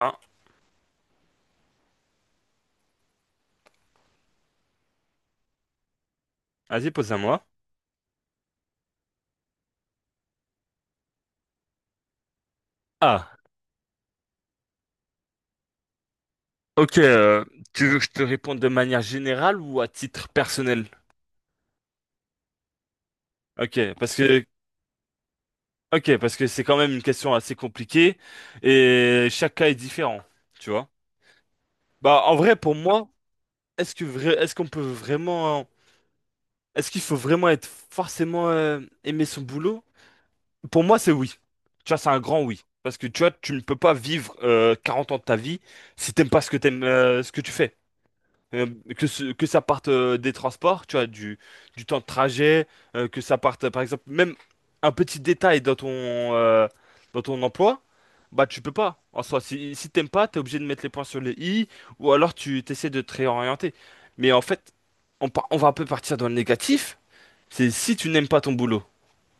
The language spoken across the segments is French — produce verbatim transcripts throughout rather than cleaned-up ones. Ah, vas-y, pose à moi. Ah, ok. euh, Tu veux que je te réponde de manière générale ou à titre personnel? Ok, parce que ok, parce que c'est quand même une question assez compliquée et chaque cas est différent, tu vois. Bah, en vrai, pour moi, est-ce que vrai, est-ce qu'on peut vraiment, est-ce qu'il faut vraiment être forcément euh, aimer son boulot? Pour moi, c'est oui. Tu vois, c'est un grand oui. Parce que tu vois, tu ne peux pas vivre euh, quarante ans de ta vie si t'aimes pas ce que t'aimes, euh, ce que tu fais. Euh, que, ce- que ça parte euh, des transports, tu vois, du, du temps de trajet, euh, que ça parte, euh, par exemple, même un petit détail dans ton, euh, dans ton emploi, bah tu peux pas. En soi, si, si t'aimes pas, t'es obligé de mettre les points sur les i, ou alors tu t'essaies de te réorienter. Mais en fait, on, par- on va un peu partir dans le négatif, c'est si tu n'aimes pas ton boulot.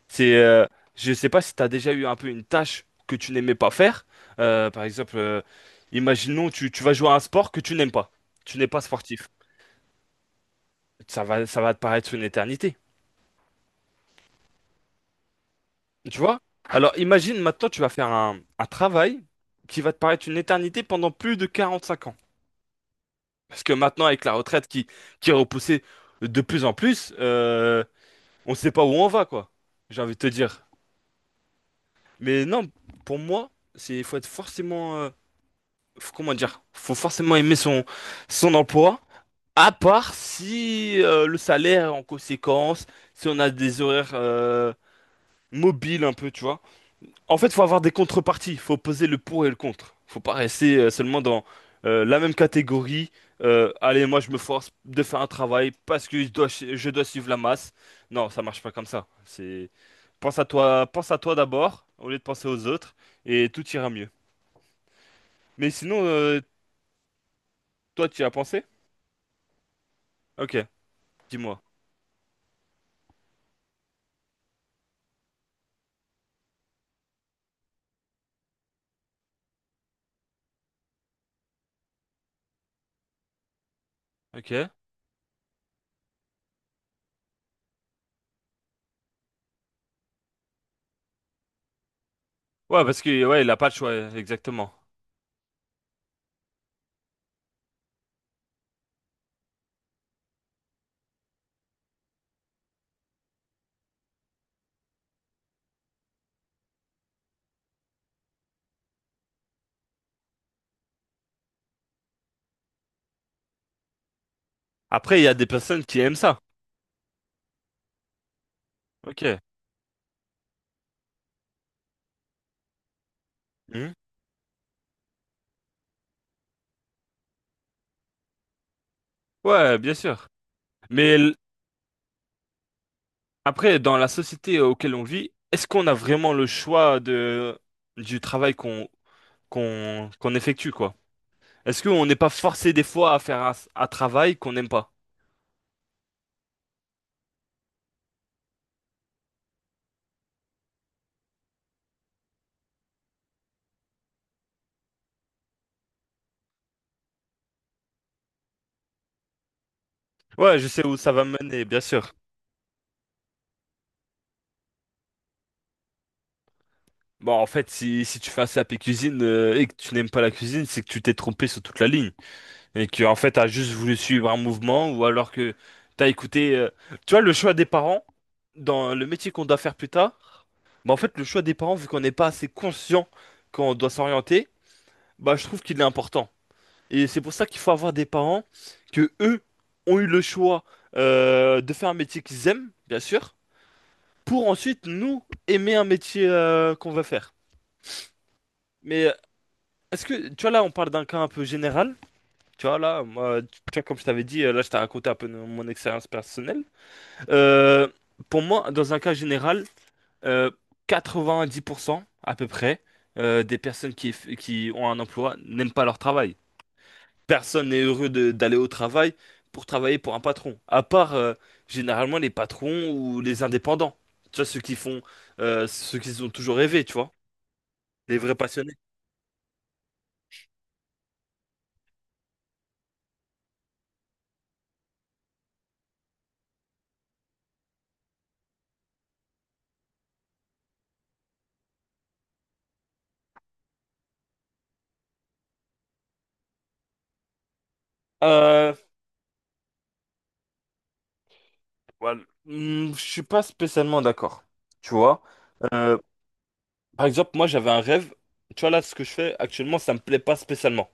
C'est, euh, je sais pas si t'as déjà eu un peu une tâche que tu n'aimais pas faire. Euh, par exemple, euh, imaginons, tu, tu vas jouer à un sport que tu n'aimes pas. Tu n'es pas sportif, ça va, ça va te paraître une éternité. Tu vois? Alors imagine maintenant, tu vas faire un, un travail qui va te paraître une éternité pendant plus de quarante-cinq ans. Parce que maintenant, avec la retraite qui, qui est repoussée de plus en plus, euh, on ne sait pas où on va, quoi. J'ai envie de te dire. Mais non, pour moi, c'est, il faut être forcément, euh, faut- comment dire, faut forcément aimer son, son emploi. À part si euh, le salaire est en conséquence, si on a des horaires euh, mobiles un peu, tu vois. En fait, faut avoir des contreparties, faut poser le pour et le contre. Faut pas rester euh, seulement dans euh, la même catégorie. Euh, allez, moi je me force de faire un travail parce que je dois, je dois suivre la masse. Non, ça marche pas comme ça. C'est pense à toi, pense à toi d'abord au lieu de penser aux autres et tout ira mieux. Mais sinon, euh, toi, tu y as pensé? Ok, dis-moi. Ok. Ouais, parce que ouais, il a pas de choix, exactement. Après, il y a des personnes qui aiment ça. Ok. Mhm. Ouais, bien sûr. Mais l- Après, dans la société euh, auquel on vit, est-ce qu'on a vraiment le choix de du travail qu'on qu'on qu'on effectue, quoi? Est-ce qu'on n'est pas forcé des fois à faire un, un travail qu'on n'aime pas? Ouais, je sais où ça va me mener, bien sûr. Bon, en fait, si, si tu fais un C A P cuisine euh, et que tu n'aimes pas la cuisine, c'est que tu t'es trompé sur toute la ligne. Et que, en fait, t'as juste voulu suivre un mouvement ou alors que t'as écouté. Euh, Tu vois, le choix des parents, dans le métier qu'on doit faire plus tard, bah, en fait, le choix des parents, vu qu'on n'est pas assez conscient qu'on doit s'orienter, bah, je trouve qu'il est important. Et c'est pour ça qu'il faut avoir des parents que eux ont eu le choix euh, de faire un métier qu'ils aiment, bien sûr, pour ensuite nous aimer un métier euh, qu'on va faire. Mais euh, est-ce que, tu vois, là, on parle d'un cas un peu général. Tu vois, là, moi, tu tu vois, comme je t'avais dit, euh, là, je t'ai raconté un peu de mon expérience personnelle. Euh, pour moi, dans un cas général, euh, quatre-vingt-dix pour cent à peu près euh, des personnes qui, eff- qui ont un emploi n'aiment pas leur travail. Personne n'est heureux de- d'aller au travail pour travailler pour un patron, à part euh, généralement les patrons ou les indépendants. Tu vois, ceux qui font, euh, ceux qu'ils ont toujours rêvé, tu vois, les vrais passionnés. Euh, voilà. Hmm, Je suis pas spécialement d'accord, tu vois. Euh, Par exemple, moi, j'avais un rêve. Tu vois, là, ce que je fais actuellement, ça me plaît pas spécialement.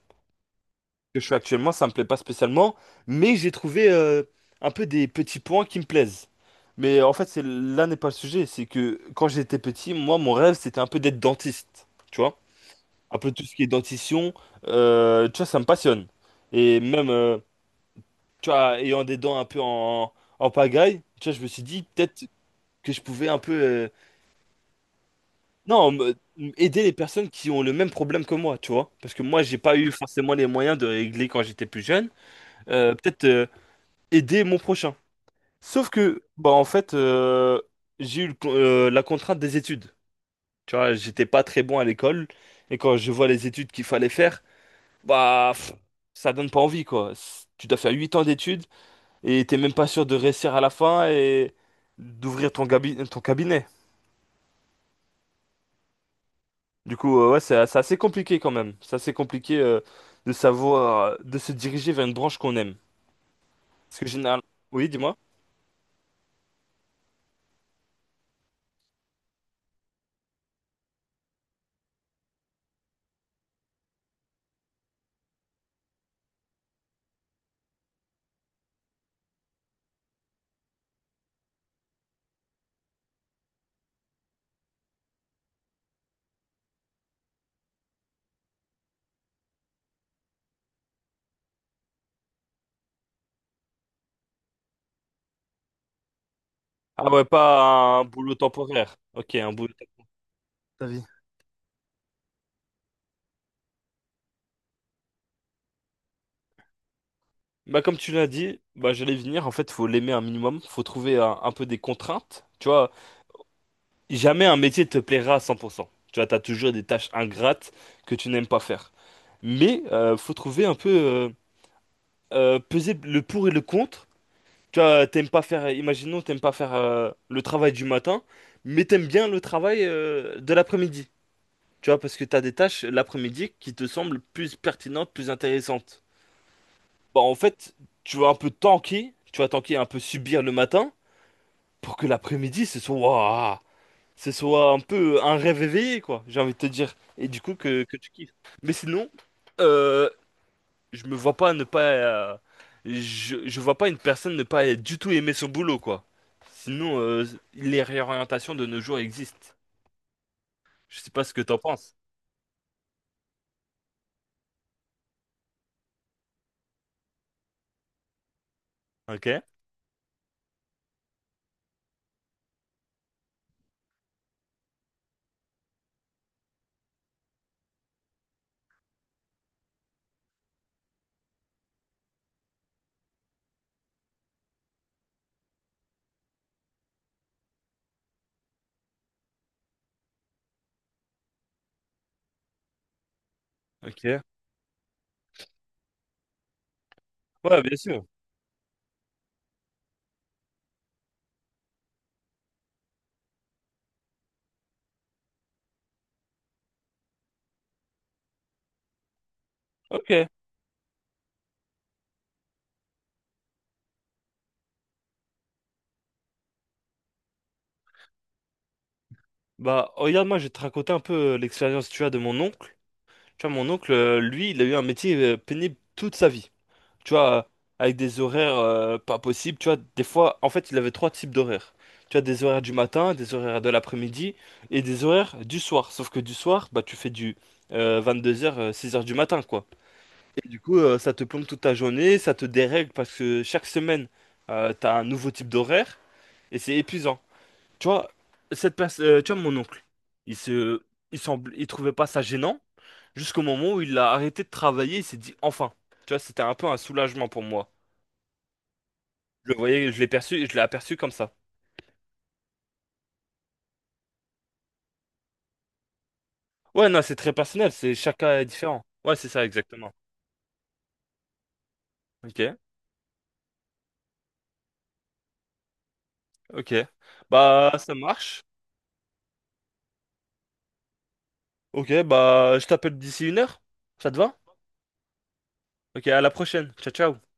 Ce que je fais actuellement, ça me plaît pas spécialement, mais j'ai trouvé euh, un peu des petits points qui me plaisent. Mais en fait, c'est là n'est pas le sujet. C'est que quand j'étais petit, moi, mon rêve, c'était un peu d'être dentiste. Tu vois? Un peu tout ce qui est dentition, euh, tu vois, ça me passionne. Et même, euh, tu vois, ayant des dents un peu en, en pagaille, tu vois, je me suis dit peut-être que je pouvais un peu euh, Non, me- aider les personnes qui ont le même problème que moi, tu vois. Parce que moi, j'ai pas eu forcément les moyens de régler quand j'étais plus jeune. Euh, peut-être euh, aider mon prochain. Sauf que, bah en fait, euh, j'ai eu le con- euh, la contrainte des études. Tu vois, j'étais pas très bon à l'école. Et quand je vois les études qu'il fallait faire, bah pff, ça donne pas envie, quoi. C'est- Tu dois faire huit ans d'études et t'es même pas sûr de réussir à la fin et d'ouvrir ton gabi- ton cabinet. Du coup, euh, ouais, c'est c'est assez compliqué quand même. C'est assez compliqué euh, de savoir, euh, de se diriger vers une branche qu'on aime. Parce que généralement... Oui, dis-moi. Ah ouais, pas un boulot temporaire. Ok, un boulot temporaire. Ta vie. Bah, comme tu l'as dit, bah, j'allais venir. En fait, faut l'aimer un minimum. Faut trouver un, un peu des contraintes. Tu vois, jamais un métier te plaira à cent pour cent. Tu vois, t'as toujours des tâches ingrates que tu n'aimes pas faire. Mais euh, faut trouver un peu, euh, euh, peser le pour et le contre. Tu vois, t'aimes pas faire, imaginons, t'aimes pas faire euh, le travail du matin, mais t'aimes bien le travail euh, de l'après-midi. Tu vois, parce que t'as des tâches l'après-midi qui te semblent plus pertinentes, plus intéressantes. Bah, en fait, tu vas un peu tanker, tu vas tanker un peu subir le matin pour que l'après-midi, ce soit, waouh, ce soit un peu un rêve éveillé, quoi, j'ai envie de te dire. Et du coup, que, que tu kiffes. Mais sinon, euh, je me vois pas ne pas. euh, je, je vois pas une personne ne pas du tout aimer son boulot, quoi. Sinon, euh, les réorientations de nos jours existent. Je sais pas ce que t'en penses. Ok, ok. Ouais, bien sûr. Ok. Bah, regarde, moi, je vais te raconter un peu euh, l'expérience, tu vois, de mon oncle. Tu vois, mon oncle, euh, lui, il a eu un métier euh, pénible toute sa vie. Tu vois, avec des horaires euh, pas possibles, tu vois, des fois, en fait, il avait trois types d'horaires. Tu as des horaires du matin, des horaires de l'après-midi et des horaires du soir. Sauf que du soir, bah, tu fais du vingt-deux heures, six heures du matin, quoi. Et du coup, euh, ça te plombe toute ta journée, ça te dérègle parce que chaque semaine, euh, t'as un nouveau type d'horaire et c'est épuisant. Tu vois, cette personne, euh, tu vois, mon oncle, il se, il semble, il trouvait pas ça gênant jusqu'au moment où il a arrêté de travailler. Il s'est dit enfin. Tu vois, c'était un peu un soulagement pour moi. Je le voyais, je l'ai perçu, je l'ai aperçu comme ça. Ouais, non, c'est très personnel, c'est chaque cas est différent. Ouais, c'est ça, exactement. Ok, ok. Bah, ça marche. Ok, bah, je t'appelle d'ici une heure. Ça te va? Ok, à la prochaine. Ciao, ciao.